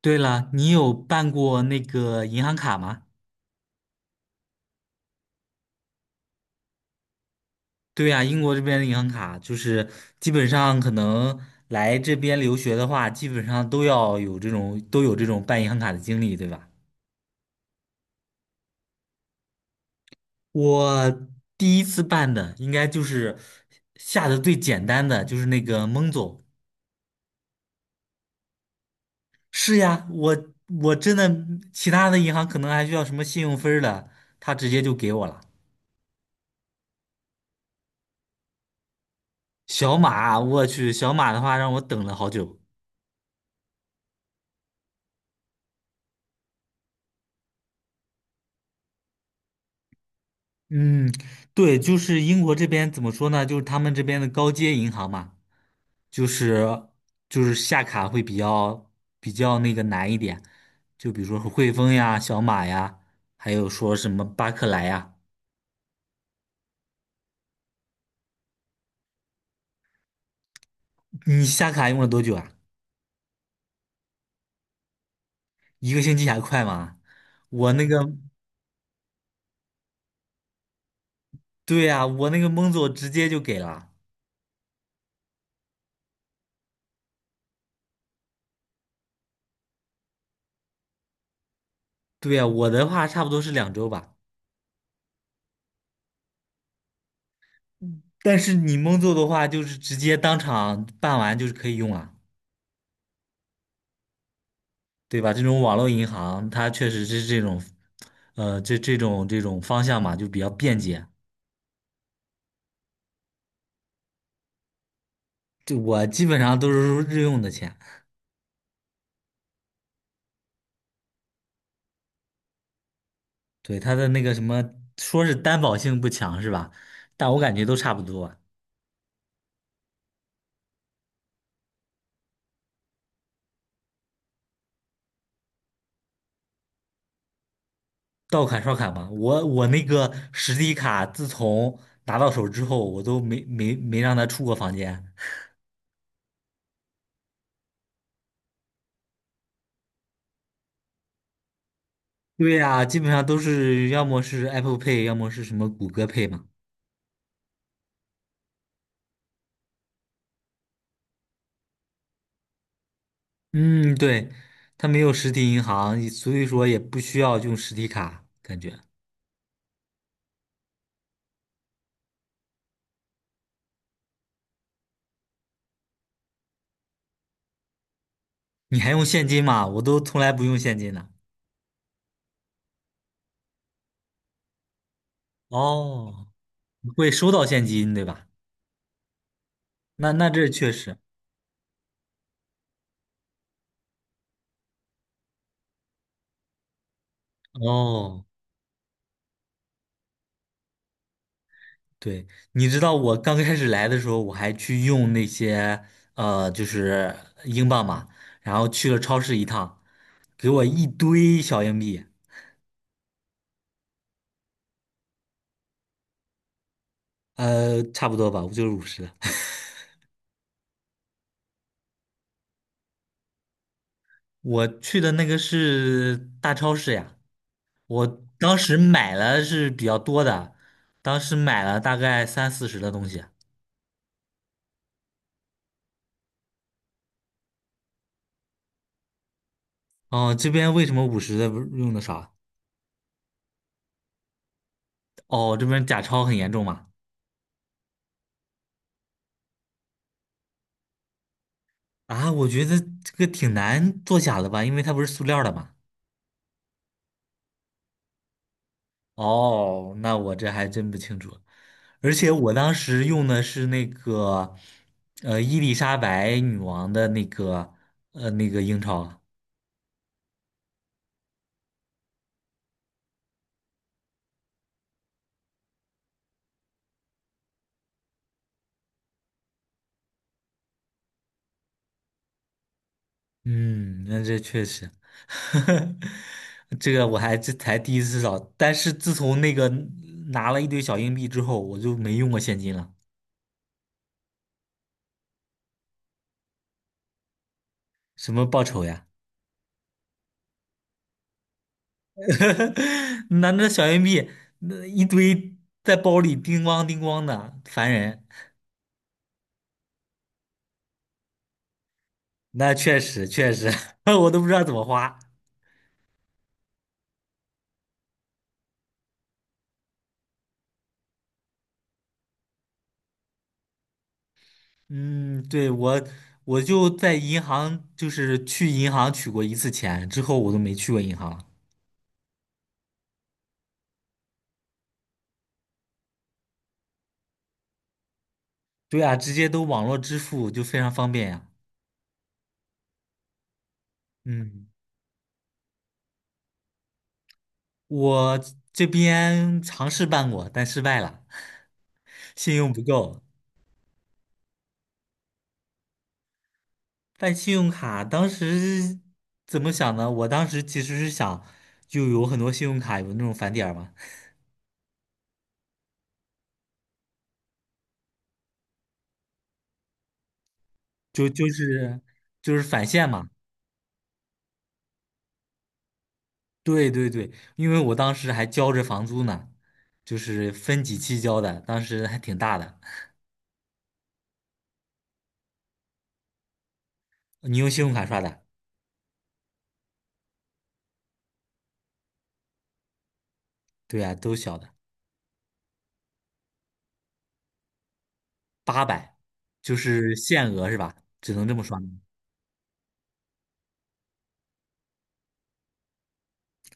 对了，你有办过那个银行卡吗？对呀，英国这边的银行卡就是基本上可能来这边留学的话，基本上都要有这种办银行卡的经历，对吧？我第一次办的应该就是下的最简单的，就是那个蒙总。是呀，我真的其他的银行可能还需要什么信用分儿的，他直接就给我了。小马，我去，小马的话让我等了好久。嗯，对，就是英国这边怎么说呢？就是他们这边的高阶银行嘛，就是就是下卡会比较那个难一点，就比如说汇丰呀、小马呀，还有说什么巴克莱呀。你下卡用了多久啊？一个星期还快吗？我那个，对呀、我那个蒙总直接就给了。对呀、我的话差不多是2周吧。但是你蒙总的话，就是直接当场办完就是可以用了。对吧？这种网络银行，它确实是这种，这种方向嘛，就比较便捷。就我基本上都是日用的钱，对它的那个什么，说是担保性不强是吧？但我感觉都差不多，到卡刷卡嘛。我那个实体卡，自从拿到手之后，我都没让它出过房间。对呀，基本上都是要么是 Apple Pay，要么是什么谷歌 Pay 嘛。嗯，对，它没有实体银行，所以说也不需要用实体卡，感觉。你还用现金吗？我都从来不用现金的，哦你会收到现金，对吧？那这确实。哦，对，你知道我刚开始来的时候，我还去用那些就是英镑嘛，然后去了超市一趟，给我一堆小硬币，差不多吧，我就是五十。我去的那个是大超市呀，我当时买了是比较多的，当时买了大概30-40的东西。哦，这边为什么五十的不用的少？哦，这边假钞很严重嘛？啊，我觉得这个挺难做假的吧，因为它不是塑料的嘛。哦，那我这还真不清楚。而且我当时用的是那个，伊丽莎白女王的那个，那个英钞。嗯，那这确实，这个我还这才第一次找，但是自从那个拿了一堆小硬币之后，我就没用过现金了。什么报酬呀？拿着小硬币，那一堆在包里叮咣叮咣的，烦人。那确实确实，我都不知道怎么花。嗯，对，我就在银行，就是去银行取过一次钱，之后我都没去过银行。对啊，直接都网络支付就非常方便呀。嗯，我这边尝试办过，但失败了，信用不够。办信用卡当时怎么想呢？我当时其实是想，就有很多信用卡有那种返点儿嘛，就就是就是返现嘛。对对对，因为我当时还交着房租呢，就是分几期交的，当时还挺大的。你用信用卡刷的？对呀，都小的，八百，就是限额是吧？只能这么刷吗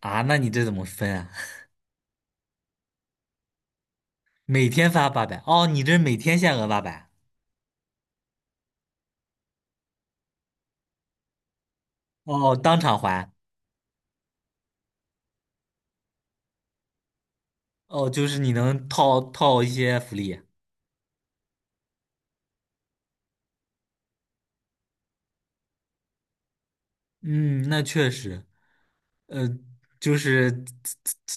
啊？那你这怎么分啊？每天发八百，哦，你这是每天限额八百，哦，当场还，哦，就是你能套套一些福利，嗯，那确实，呃，就是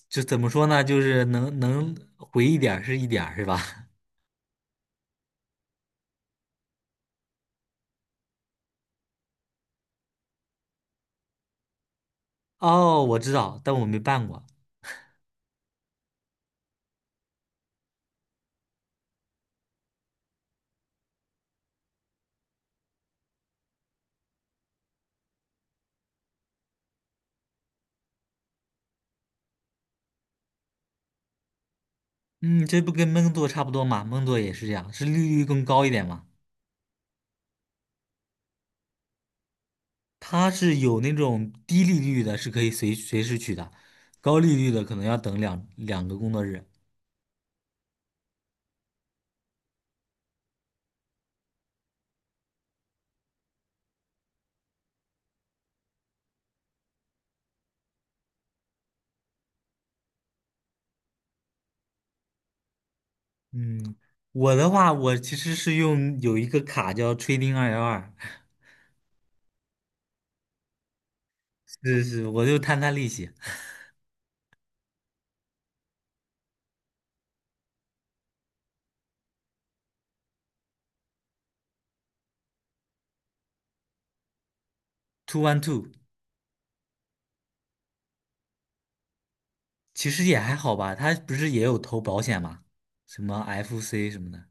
就怎么说呢，就是能回一点儿是一点儿，是吧？哦，我知道，但我没办过，嗯，这不跟闷做差不多嘛？闷做也是这样，是利率更高一点嘛？它是有那种低利率的，是可以随时取的，高利率的可能要等两个工作日。嗯，我的话，我其实是用有一个卡叫 Trading 212，是是，我就摊摊利息，212，其实也还好吧。他不是也有投保险吗？什么 FC 什么的。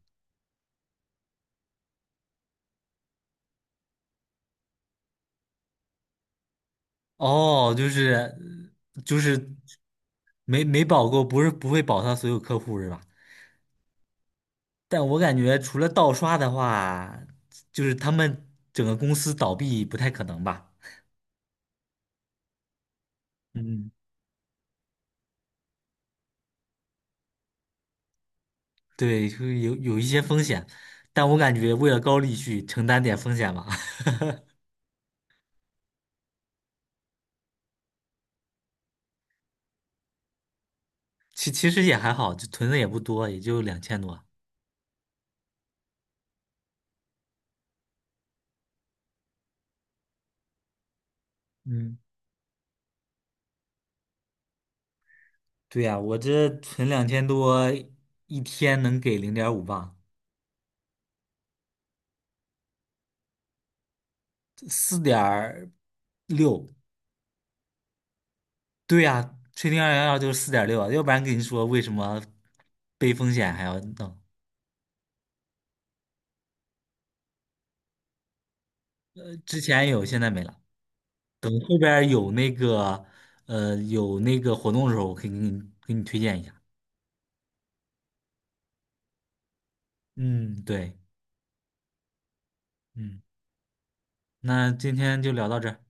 哦，就是没保过，不是不会保他所有客户是吧？但我感觉除了盗刷的话，就是他们整个公司倒闭不太可能吧。嗯对，就是有一些风险，但我感觉为了高利息承担点风险吧。其实也还好，就存的也不多，也就两千多。嗯，对呀，我这存两千多，一天能给0.5吧，四点六。对呀，吹0212就是四点六啊，要不然跟你说为什么背风险还要弄？之前有，现在没了。等后边儿有那个活动的时候，我可以给你推荐一下。嗯，对。嗯。那今天就聊到这儿